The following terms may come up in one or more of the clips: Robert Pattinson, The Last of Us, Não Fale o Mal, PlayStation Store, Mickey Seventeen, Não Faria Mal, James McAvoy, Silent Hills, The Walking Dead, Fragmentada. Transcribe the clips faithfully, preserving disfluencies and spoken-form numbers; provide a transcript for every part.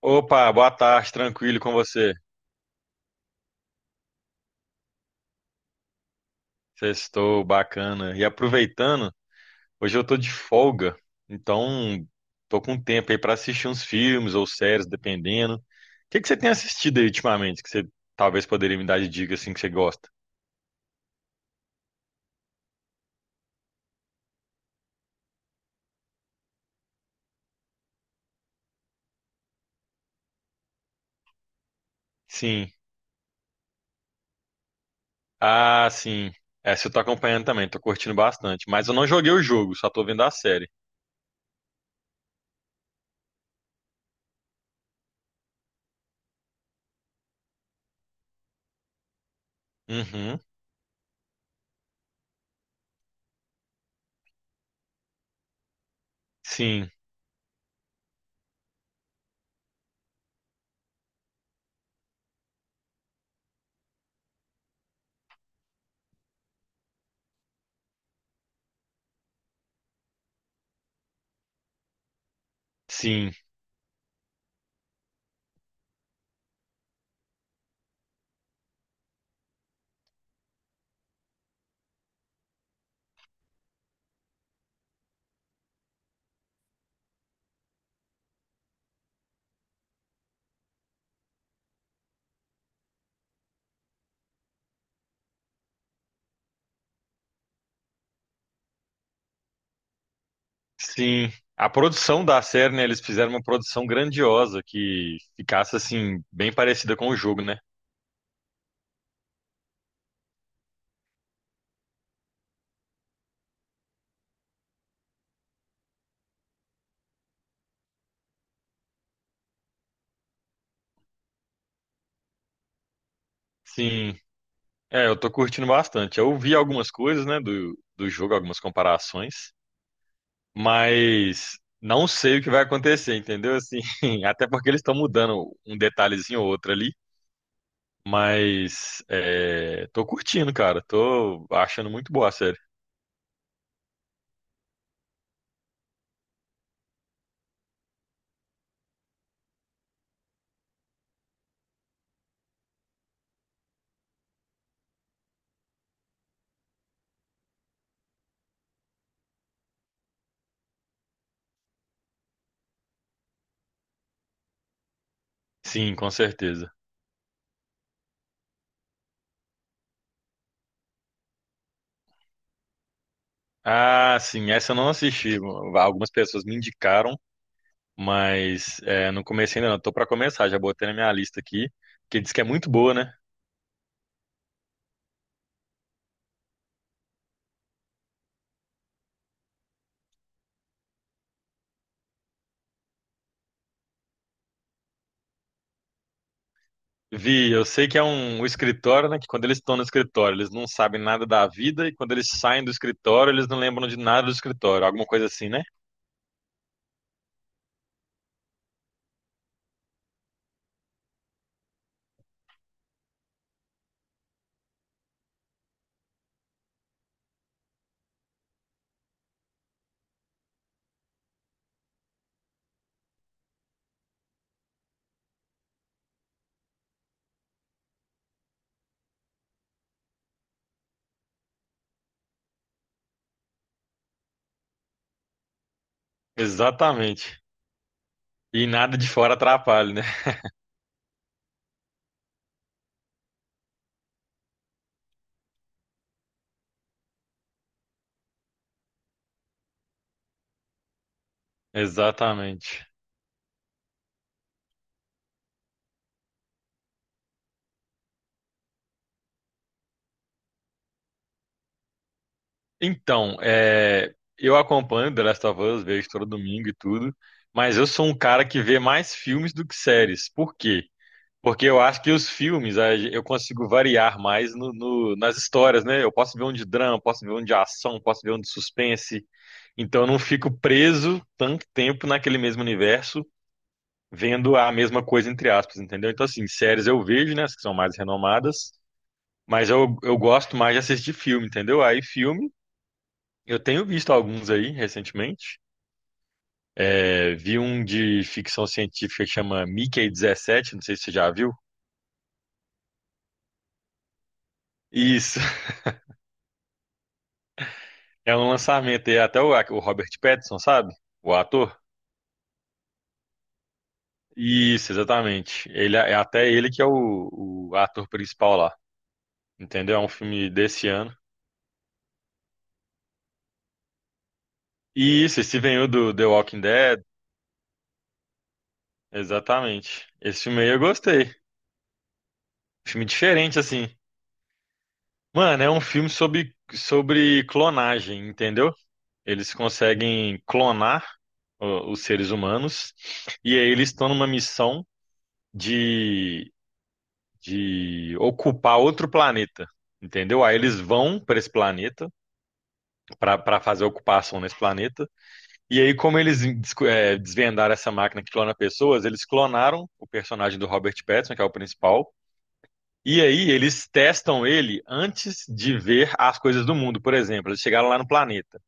Opa, boa tarde, tranquilo com você? Sextou, bacana. E aproveitando, hoje eu tô de folga, então tô com tempo aí pra assistir uns filmes ou séries, dependendo. O que que você tem assistido aí ultimamente que você talvez poderia me dar de dica assim que você gosta? Sim. Ah, sim. Essa eu tô acompanhando também, tô curtindo bastante, mas eu não joguei o jogo, só tô vendo a série. Uhum. Sim. Sim. Sim, a produção da série, né, eles fizeram uma produção grandiosa que ficasse assim bem parecida com o jogo, né? Sim, é, eu tô curtindo bastante. Eu vi algumas coisas, né, do, do jogo, algumas comparações, mas não sei o que vai acontecer, entendeu? Assim, até porque eles estão mudando um detalhezinho ou outro ali, mas é, tô curtindo, cara. Tô achando muito boa a série. Sim, com certeza. Ah, sim, essa eu não assisti. Algumas pessoas me indicaram, mas é, não comecei ainda não. Tô pra começar, já botei na minha lista aqui, que diz que é muito boa, né? Vi, eu sei que é um, um escritório, né? Que quando eles estão no escritório, eles não sabem nada da vida, e quando eles saem do escritório, eles não lembram de nada do escritório, alguma coisa assim, né? Exatamente. E nada de fora atrapalha, né? Exatamente. Então, é, eu acompanho The Last of Us, vejo todo domingo e tudo, mas eu sou um cara que vê mais filmes do que séries. Por quê? Porque eu acho que os filmes a gen- eu consigo variar mais no- no- nas histórias, né? Eu posso ver um de drama, posso ver um de ação, posso ver um de suspense. Então eu não fico preso tanto tempo naquele mesmo universo, vendo a mesma coisa, entre aspas, entendeu? Então, assim, séries eu vejo, né? As que são mais renomadas, mas eu, eu gosto mais de assistir filme, entendeu? Aí, filme, eu tenho visto alguns aí recentemente. É, vi um de ficção científica que chama Mickey dezessete, não sei se você já viu. Isso. É um lançamento, e até o, o Robert Pattinson, sabe? O ator. Isso, exatamente. Ele é é até ele que é o, o ator principal lá. Entendeu? É um filme desse ano. E isso, esse veio do The Walking Dead. Exatamente. Esse filme aí eu gostei. Filme diferente, assim. Mano, é um filme sobre, sobre clonagem, entendeu? Eles conseguem clonar, ó, os seres humanos. E aí eles estão numa missão de de ocupar outro planeta. Entendeu? Aí eles vão para esse planeta, para para fazer a ocupação nesse planeta. E aí, como eles desco- é, desvendaram essa máquina que clona pessoas, eles clonaram o personagem do Robert Pattinson, que é o principal. E aí, eles testam ele antes de ver as coisas do mundo. Por exemplo, eles chegaram lá no planeta.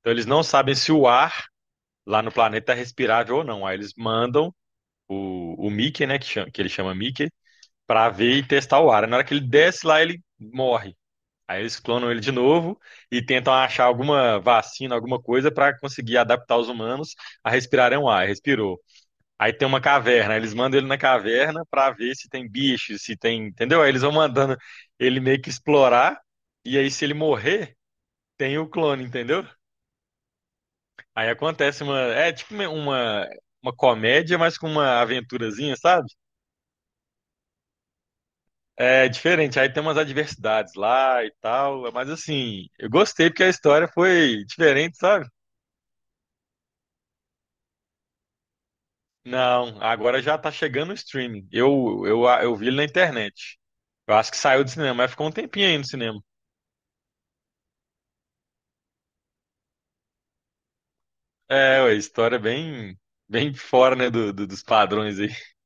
Então, eles não sabem se o ar lá no planeta é respirável ou não. Aí, eles mandam o, o Mickey, né, que chama- que ele chama Mickey, para ver e testar o ar. Aí, na hora que ele desce lá, ele morre. Aí eles clonam ele de novo e tentam achar alguma vacina, alguma coisa para conseguir adaptar os humanos a respirarem o ar. Respirou. Aí tem uma caverna, eles mandam ele na caverna para ver se tem bichos, se tem, entendeu? Aí eles vão mandando ele meio que explorar, e aí se ele morrer, tem o clone, entendeu? Aí acontece uma, é tipo uma uma comédia, mas com uma aventurazinha, sabe? É diferente. Aí tem umas adversidades lá e tal, mas assim, eu gostei porque a história foi diferente, sabe? Não, agora já tá chegando o streaming. Eu, eu, eu vi ele na internet. Eu acho que saiu do cinema, mas ficou um tempinho aí no cinema. É, ué, história é bem, bem fora, né, do, do- dos padrões aí.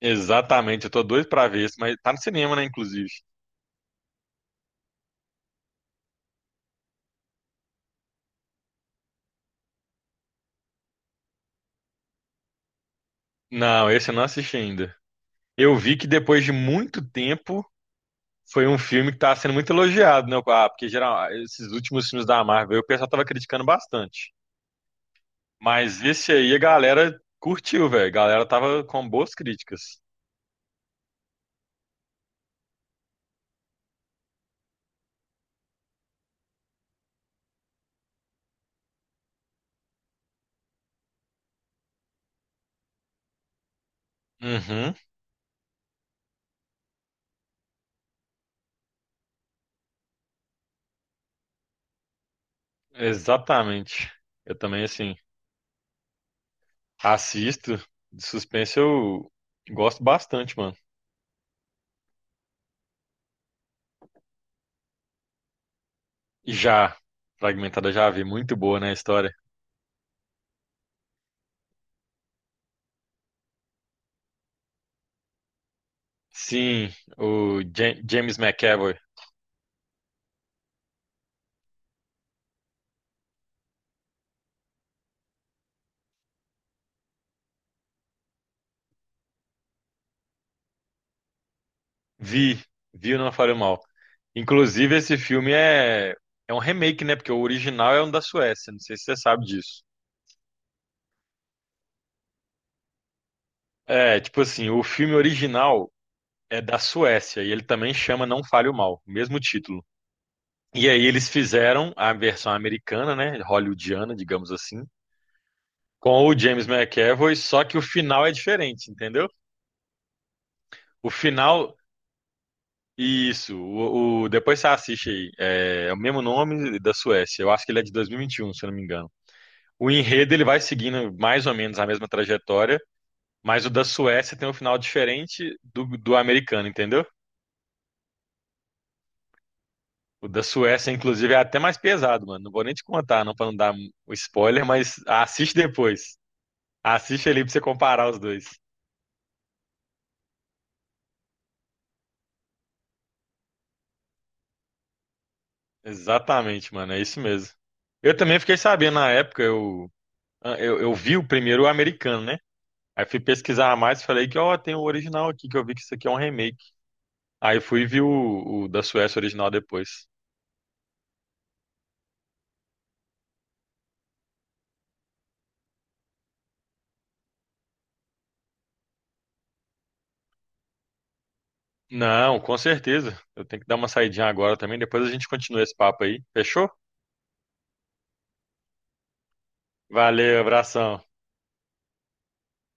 Exatamente, eu tô doido pra ver isso, mas tá no cinema, né, inclusive. Não, esse eu não assisti ainda. Eu vi que depois de muito tempo foi um filme que tá sendo muito elogiado, né? Ah, porque geral, esses últimos filmes da Marvel, o pessoal tava criticando bastante. Mas esse aí a galera curtiu, velho. A galera tava com boas críticas. Uhum, exatamente. Eu também, assim, assisto. De suspense eu gosto bastante, mano. E já, Fragmentada já vi, muito boa, né, a história. Sim, o Ja- James McAvoy. Vi, vi o Não Faria Mal. Inclusive, esse filme é, é um remake, né? Porque o original é um da Suécia, não sei se você sabe disso. É, tipo assim, o filme original é da Suécia e ele também chama Não Fale o Mal, mesmo título. E aí eles fizeram a versão americana, né? Hollywoodiana, digamos assim, com o James McAvoy, só que o final é diferente, entendeu? O final. Isso, o, o- depois você assiste aí. É, é o mesmo nome da Suécia. Eu acho que ele é de dois mil e vinte e um, se eu não me engano. O enredo ele vai seguindo mais ou menos a mesma trajetória, mas o da Suécia tem um final diferente do, do americano, entendeu? O da Suécia, inclusive, é até mais pesado, mano. Não vou nem te contar, não, pra não dar o spoiler, mas assiste depois. Assiste ali pra você comparar os dois. Exatamente, mano, é isso mesmo. Eu também fiquei sabendo na época, eu, ah, eu, eu vi o primeiro americano, né? Aí fui pesquisar mais e falei que, ó, tem o original aqui, que eu vi que isso aqui é um remake. Aí fui ver o, o da Suécia original depois. Não, com certeza. Eu tenho que dar uma saidinha agora também, depois a gente continua esse papo aí. Fechou? Valeu, abração.